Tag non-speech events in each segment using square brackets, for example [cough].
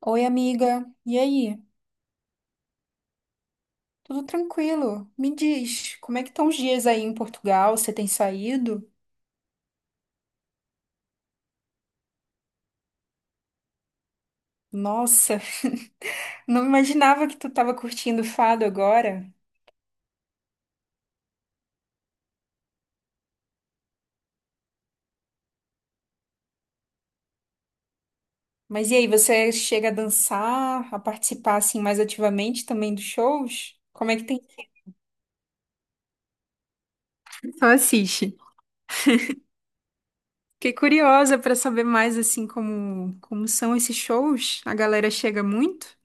Oi, amiga. E aí? Tudo tranquilo? Me diz, como é que estão os dias aí em Portugal? Você tem saído? Nossa, [laughs] não imaginava que tu estava curtindo fado agora. Mas e aí, você chega a dançar, a participar assim mais ativamente também dos shows? Como é que tem? Só assiste. Fiquei curiosa para saber mais assim como são esses shows. A galera chega muito?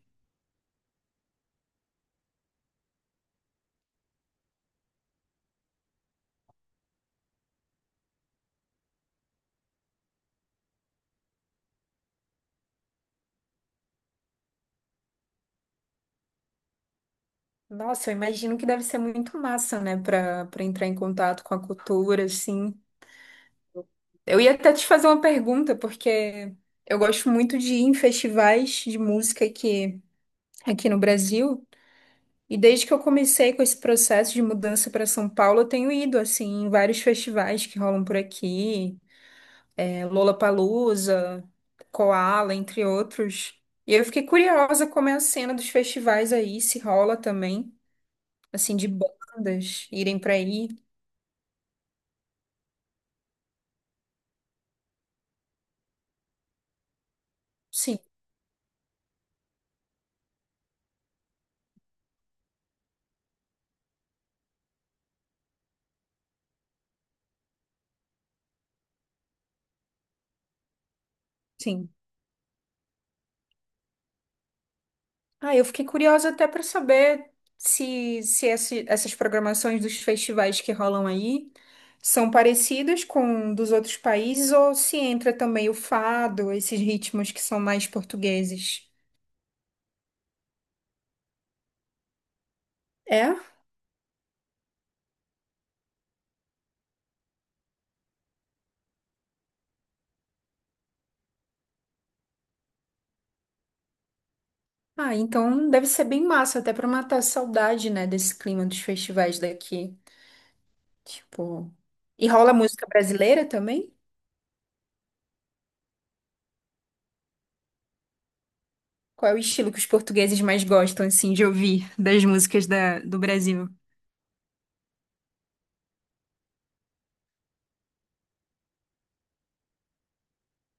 Nossa, eu imagino que deve ser muito massa, né, para entrar em contato com a cultura assim. Eu ia até te fazer uma pergunta, porque eu gosto muito de ir em festivais de música aqui, aqui no Brasil. E desde que eu comecei com esse processo de mudança para São Paulo, eu tenho ido assim em vários festivais que rolam por aqui, é, Lollapalooza, Koala, entre outros. E eu fiquei curiosa como é a cena dos festivais aí, se rola também, assim, de bandas irem para aí. Sim, sim. Ah, eu fiquei curiosa até para saber se, se esse- essas programações dos festivais que rolam aí são parecidas com dos outros países ou se entra também o fado, esses ritmos que são mais portugueses. É? Ah, então deve ser bem massa, até para matar a saudade, né, desse clima dos festivais daqui. Tipo. E rola música brasileira também? Qual é o estilo que os portugueses mais gostam, assim, de ouvir das do Brasil?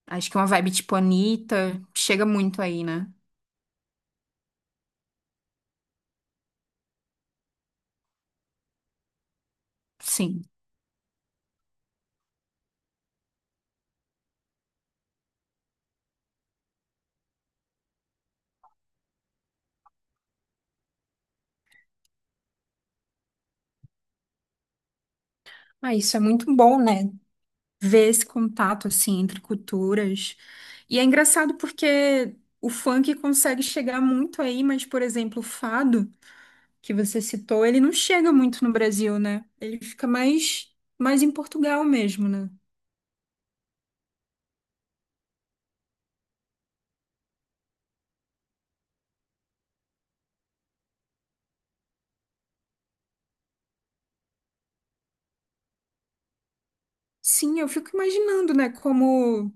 Acho que uma vibe tipo Anitta chega muito aí, né? Sim. Ah, isso é muito bom, né? Ver esse contato assim entre culturas. E é engraçado porque o funk consegue chegar muito aí, mas, por exemplo, o fado que você citou, ele não chega muito no Brasil, né? Ele fica mais em Portugal mesmo, né? Sim, eu fico imaginando, né, como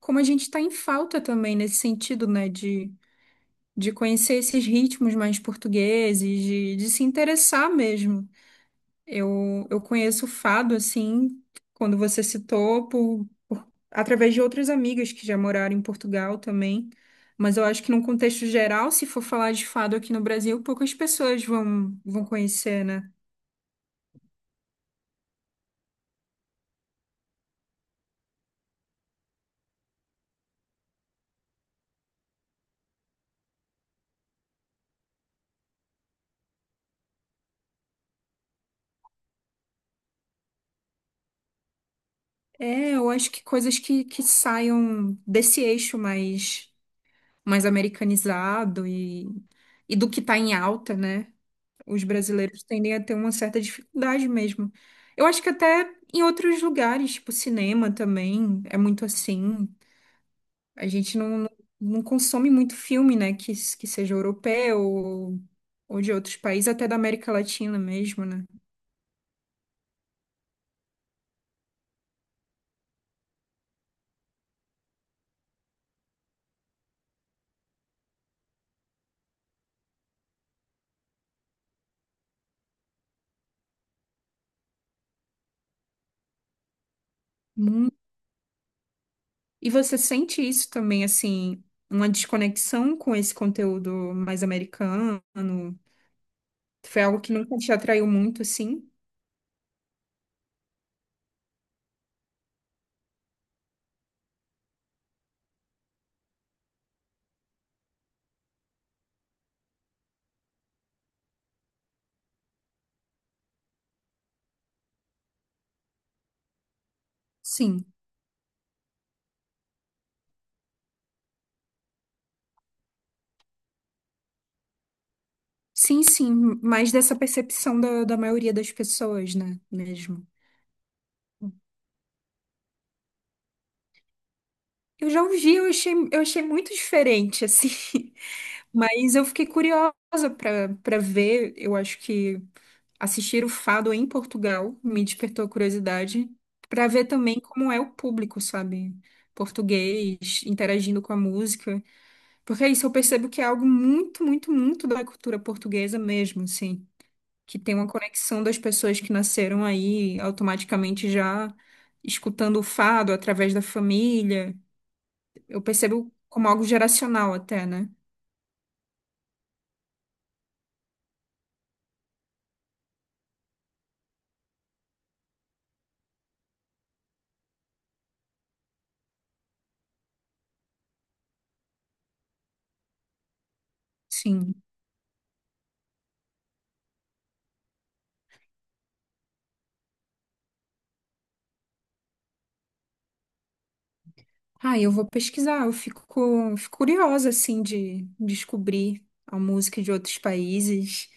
como a gente tá em falta também nesse sentido, né, de conhecer esses ritmos mais portugueses, de se interessar mesmo. Eu conheço o fado, assim, quando você citou, através de outras amigas que já moraram em Portugal também. Mas eu acho que, num contexto geral, se for falar de fado aqui no Brasil, poucas pessoas vão conhecer, né? É, eu acho que coisas que saiam desse eixo mais, mais americanizado e do que está em alta, né? Os brasileiros tendem a ter uma certa dificuldade mesmo. Eu acho que até em outros lugares, tipo cinema também, é muito assim. A gente não consome muito filme, né? Que seja europeu ou de outros países, até da América Latina mesmo, né? Hum. E você sente isso também, assim, uma desconexão com esse conteúdo mais americano? Foi algo que nunca te atraiu muito, assim? Sim. Sim, sim, mais dessa percepção da, da maioria das pessoas, né? Mesmo. Eu já ouvi, eu achei muito diferente, assim. [laughs] Mas eu fiquei curiosa para ver. Eu acho que assistir o Fado em Portugal me despertou a curiosidade para ver também como é o público, sabe? Português, interagindo com a música. Porque é isso, eu percebo que é algo muito, muito, muito da cultura portuguesa mesmo, assim, que tem uma conexão das pessoas que nasceram aí automaticamente já escutando o fado através da família. Eu percebo como algo geracional até, né? Sim. Ah, eu vou pesquisar, eu fico, fico curiosa, assim, de descobrir a música de outros países.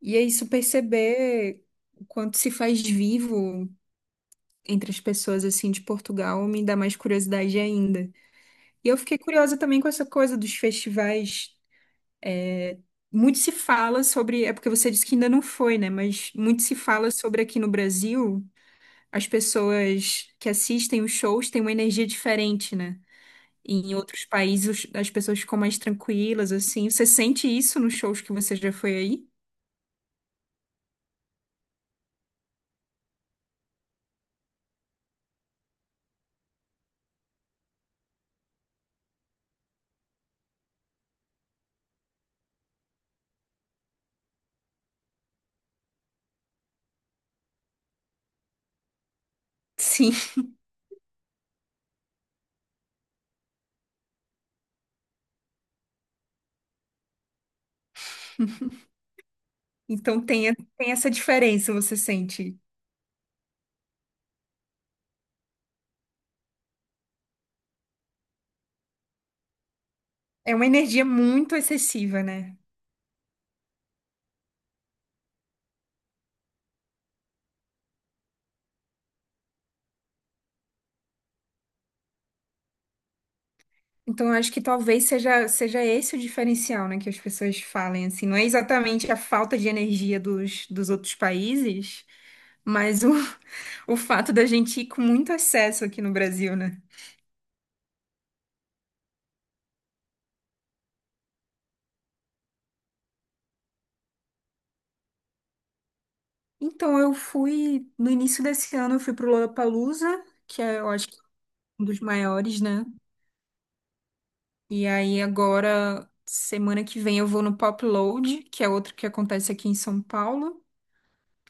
E é isso, perceber o quanto se faz vivo entre as pessoas, assim, de Portugal, me dá mais curiosidade ainda. E eu fiquei curiosa também com essa coisa dos festivais. Muito se fala sobre, é porque você disse que ainda não foi, né? Mas muito se fala sobre aqui no Brasil, as pessoas que assistem os shows têm uma energia diferente, né? E em outros países as pessoas ficam mais tranquilas, assim. Você sente isso nos shows que você já foi aí? Sim. Então tem, tem essa diferença, você sente. É uma energia muito excessiva, né? Então, eu acho que talvez seja, seja esse o diferencial, né, que as pessoas falem, assim, não é exatamente a falta de energia dos, dos outros países, mas o, [laughs] o fato da gente ir com muito acesso aqui no Brasil, né? Então, eu fui, no início desse ano, eu fui pro Lollapalooza, que é, eu acho que um dos maiores, né? E aí, agora, semana que vem, eu vou no Pop Load, que é outro que acontece aqui em São Paulo.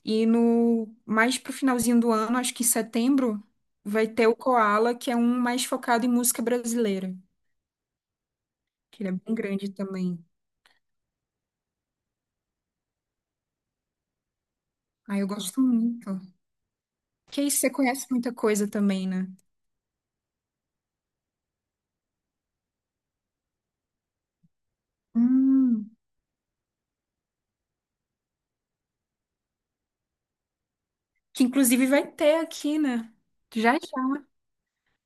E no mais pro finalzinho do ano, acho que em setembro, vai ter o Koala, que é um mais focado em música brasileira, que ele é bem grande também. Ah, eu gosto muito. Que isso, você conhece muita coisa também, né? Hum, que inclusive vai ter aqui, né? Já, já.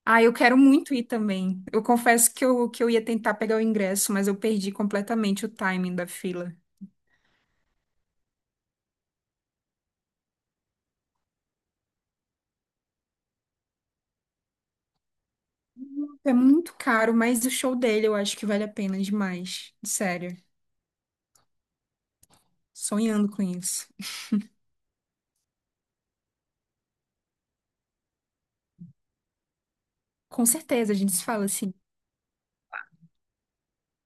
Ah, eu quero muito ir também. Eu confesso que eu ia tentar pegar o ingresso, mas eu perdi completamente o timing da fila. É muito caro, mas o show dele eu acho que vale a pena demais. Sério, sonhando com isso. Com certeza, a gente se fala assim.